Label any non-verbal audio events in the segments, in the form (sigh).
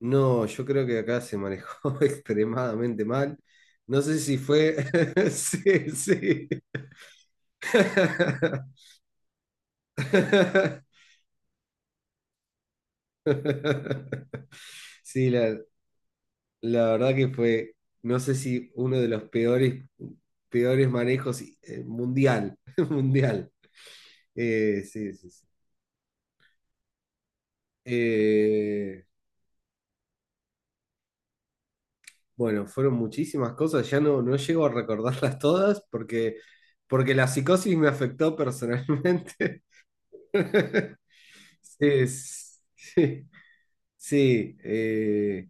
No, yo creo que acá se manejó (laughs) extremadamente mal. No sé si fue... (laughs) Sí, sí. (laughs) Sí, la verdad que no sé si uno de los peores, peores manejos mundial, (laughs) mundial. Eh, sí, sí, sí. Eh, bueno, fueron muchísimas cosas, no llego a recordarlas todas, porque la psicosis me afectó personalmente. (laughs) Sí, sí, sí,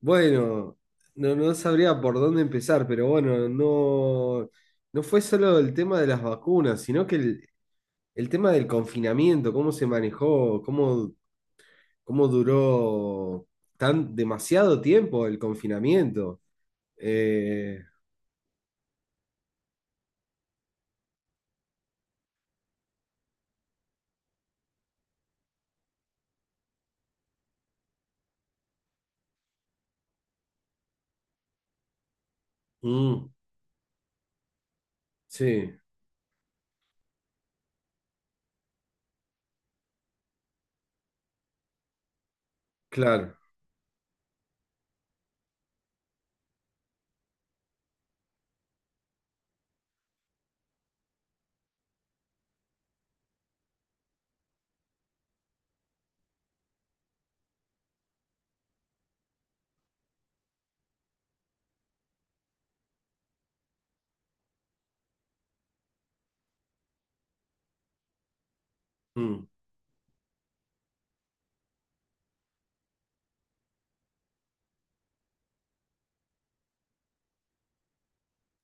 bueno, no sabría por dónde empezar, pero bueno, no, no fue solo el tema de las vacunas, sino que el tema del confinamiento, cómo se manejó, cómo duró tan demasiado tiempo el confinamiento. Eh, mm, sí, claro. mm,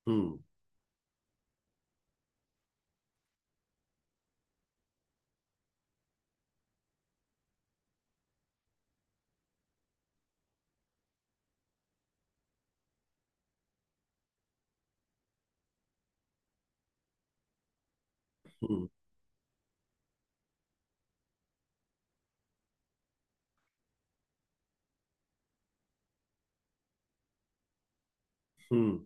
mm, mm, mm,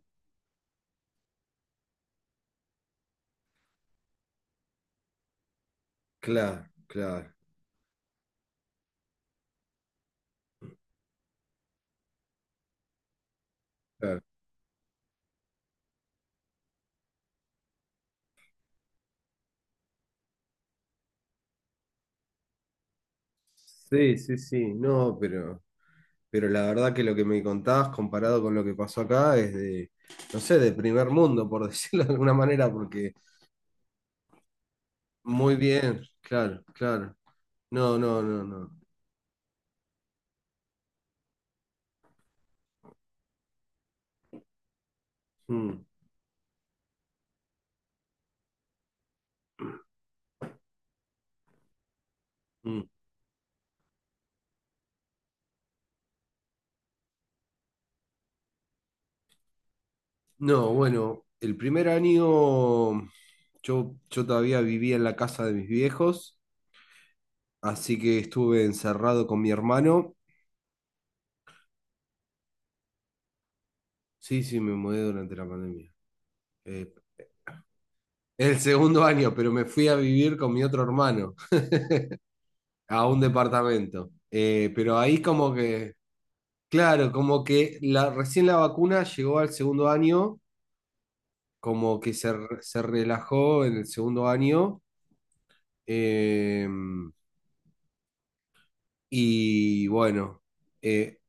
claro, claro, claro. Sí, sí, sí, no, pero la verdad que lo que me contabas comparado con lo que pasó acá es de, no sé, de primer mundo, por (laughs) decirlo de alguna manera, porque muy bien, claro, claro. No, no, no, no. Mm, mm. No, bueno, el primer año yo todavía vivía en la casa de mis viejos, así que estuve encerrado con mi hermano. Sí, sí, me mudé durante la pandemia. Eh, el segundo año, pero me fui a vivir con mi otro hermano, a un departamento. Claro, como que recién la vacuna llegó al segundo año, como que re- se relajó en el segundo año. eh, y bueno. eh,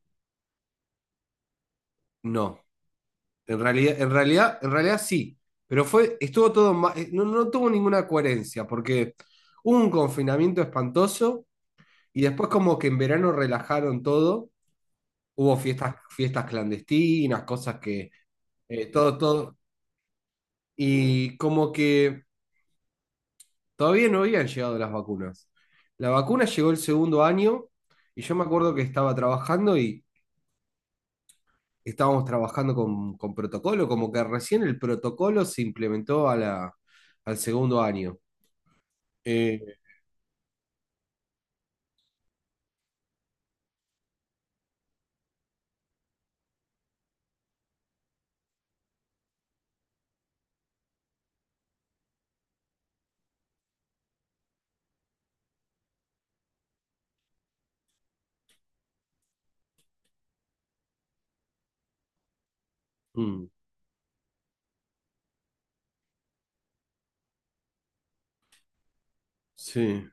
no. En realidad, en realidad, en realidad sí. Pero estuvo todo ma- no, no tuvo ninguna coherencia, porque hubo un confinamiento espantoso y después como que en verano relajaron todo. Hubo fiestas, fiestas clandestinas, cosas que... todo, todo. Y como que todavía no habían llegado las vacunas. La vacuna llegó el segundo año y yo me acuerdo que estaba trabajando y estábamos trabajando con protocolo, como que recién el protocolo se implementó a al segundo año. Eh, mm, sí,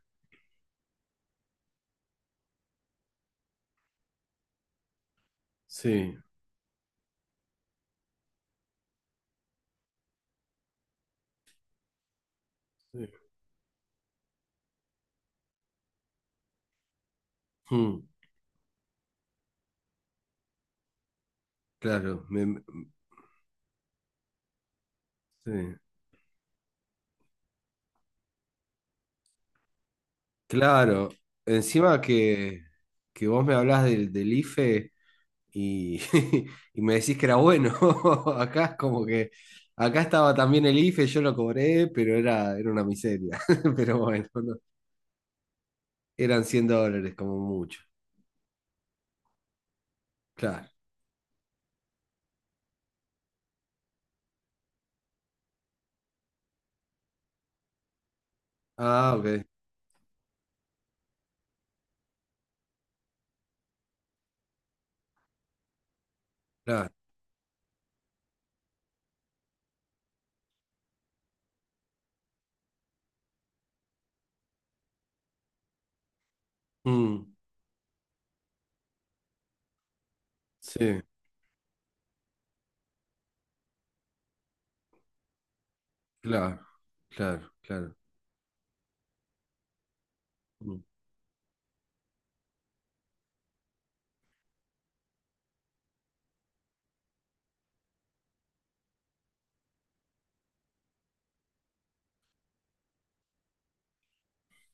sí, sí. Mm, claro, me- me- sí. Claro. Encima que vos me hablás del IFE. Y (laughs) y me decís que era bueno. (laughs) Acá es como que, acá estaba también el IFE, yo lo cobré, pero era una miseria. (laughs) Pero bueno, no, eran $100 como mucho. Claro. Ah, ok, claro. Mm, sí, claro, claro, claro. Mm,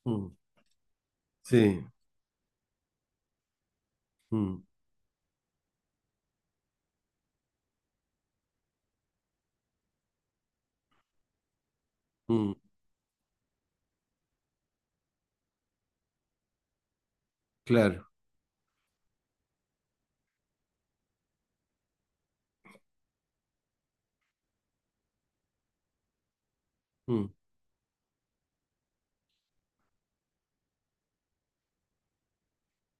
mm, sí, mm, mm, claro. mm.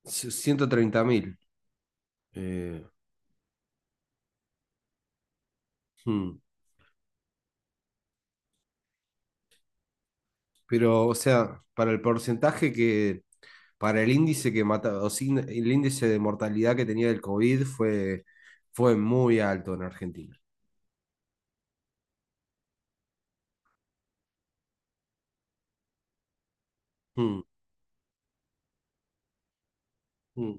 C- 130.000. eh, mm. Pero, o sea, para el porcentaje que, para el índice que mata, o sin- el índice de mortalidad que tenía el COVID fue muy alto en Argentina. Mm, mm,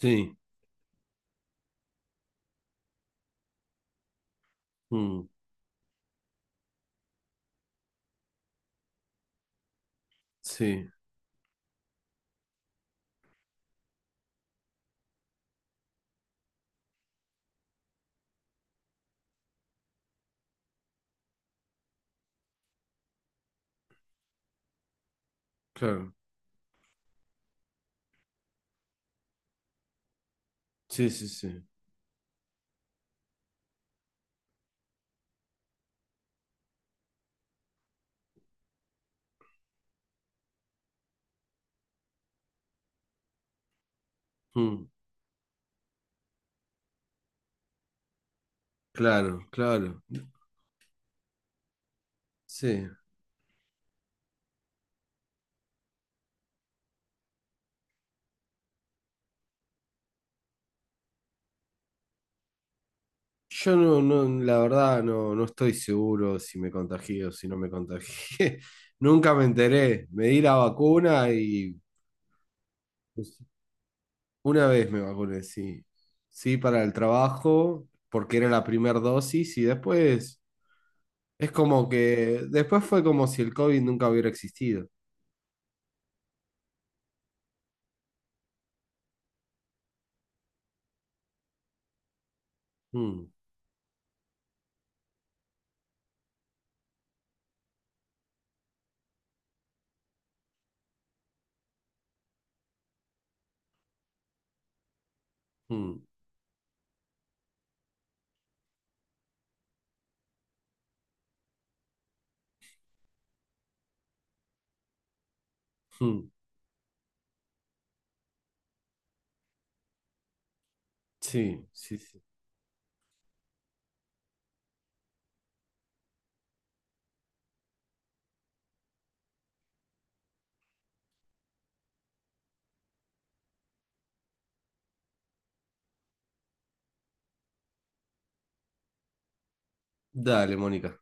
sí, mm, sí, claro. Sí, sí, sí. Mm, claro, claro. Sí. Yo no, no, la verdad no, no estoy seguro si me contagié o si no me contagié. (laughs) Nunca me enteré. Me di la vacuna y pues, una vez me vacuné, sí. Sí, para el trabajo, porque era la primera dosis y después... Es como que después fue como si el COVID nunca hubiera existido. Mm, mm, mm. Sí, sí, sí. Dale, Mónica.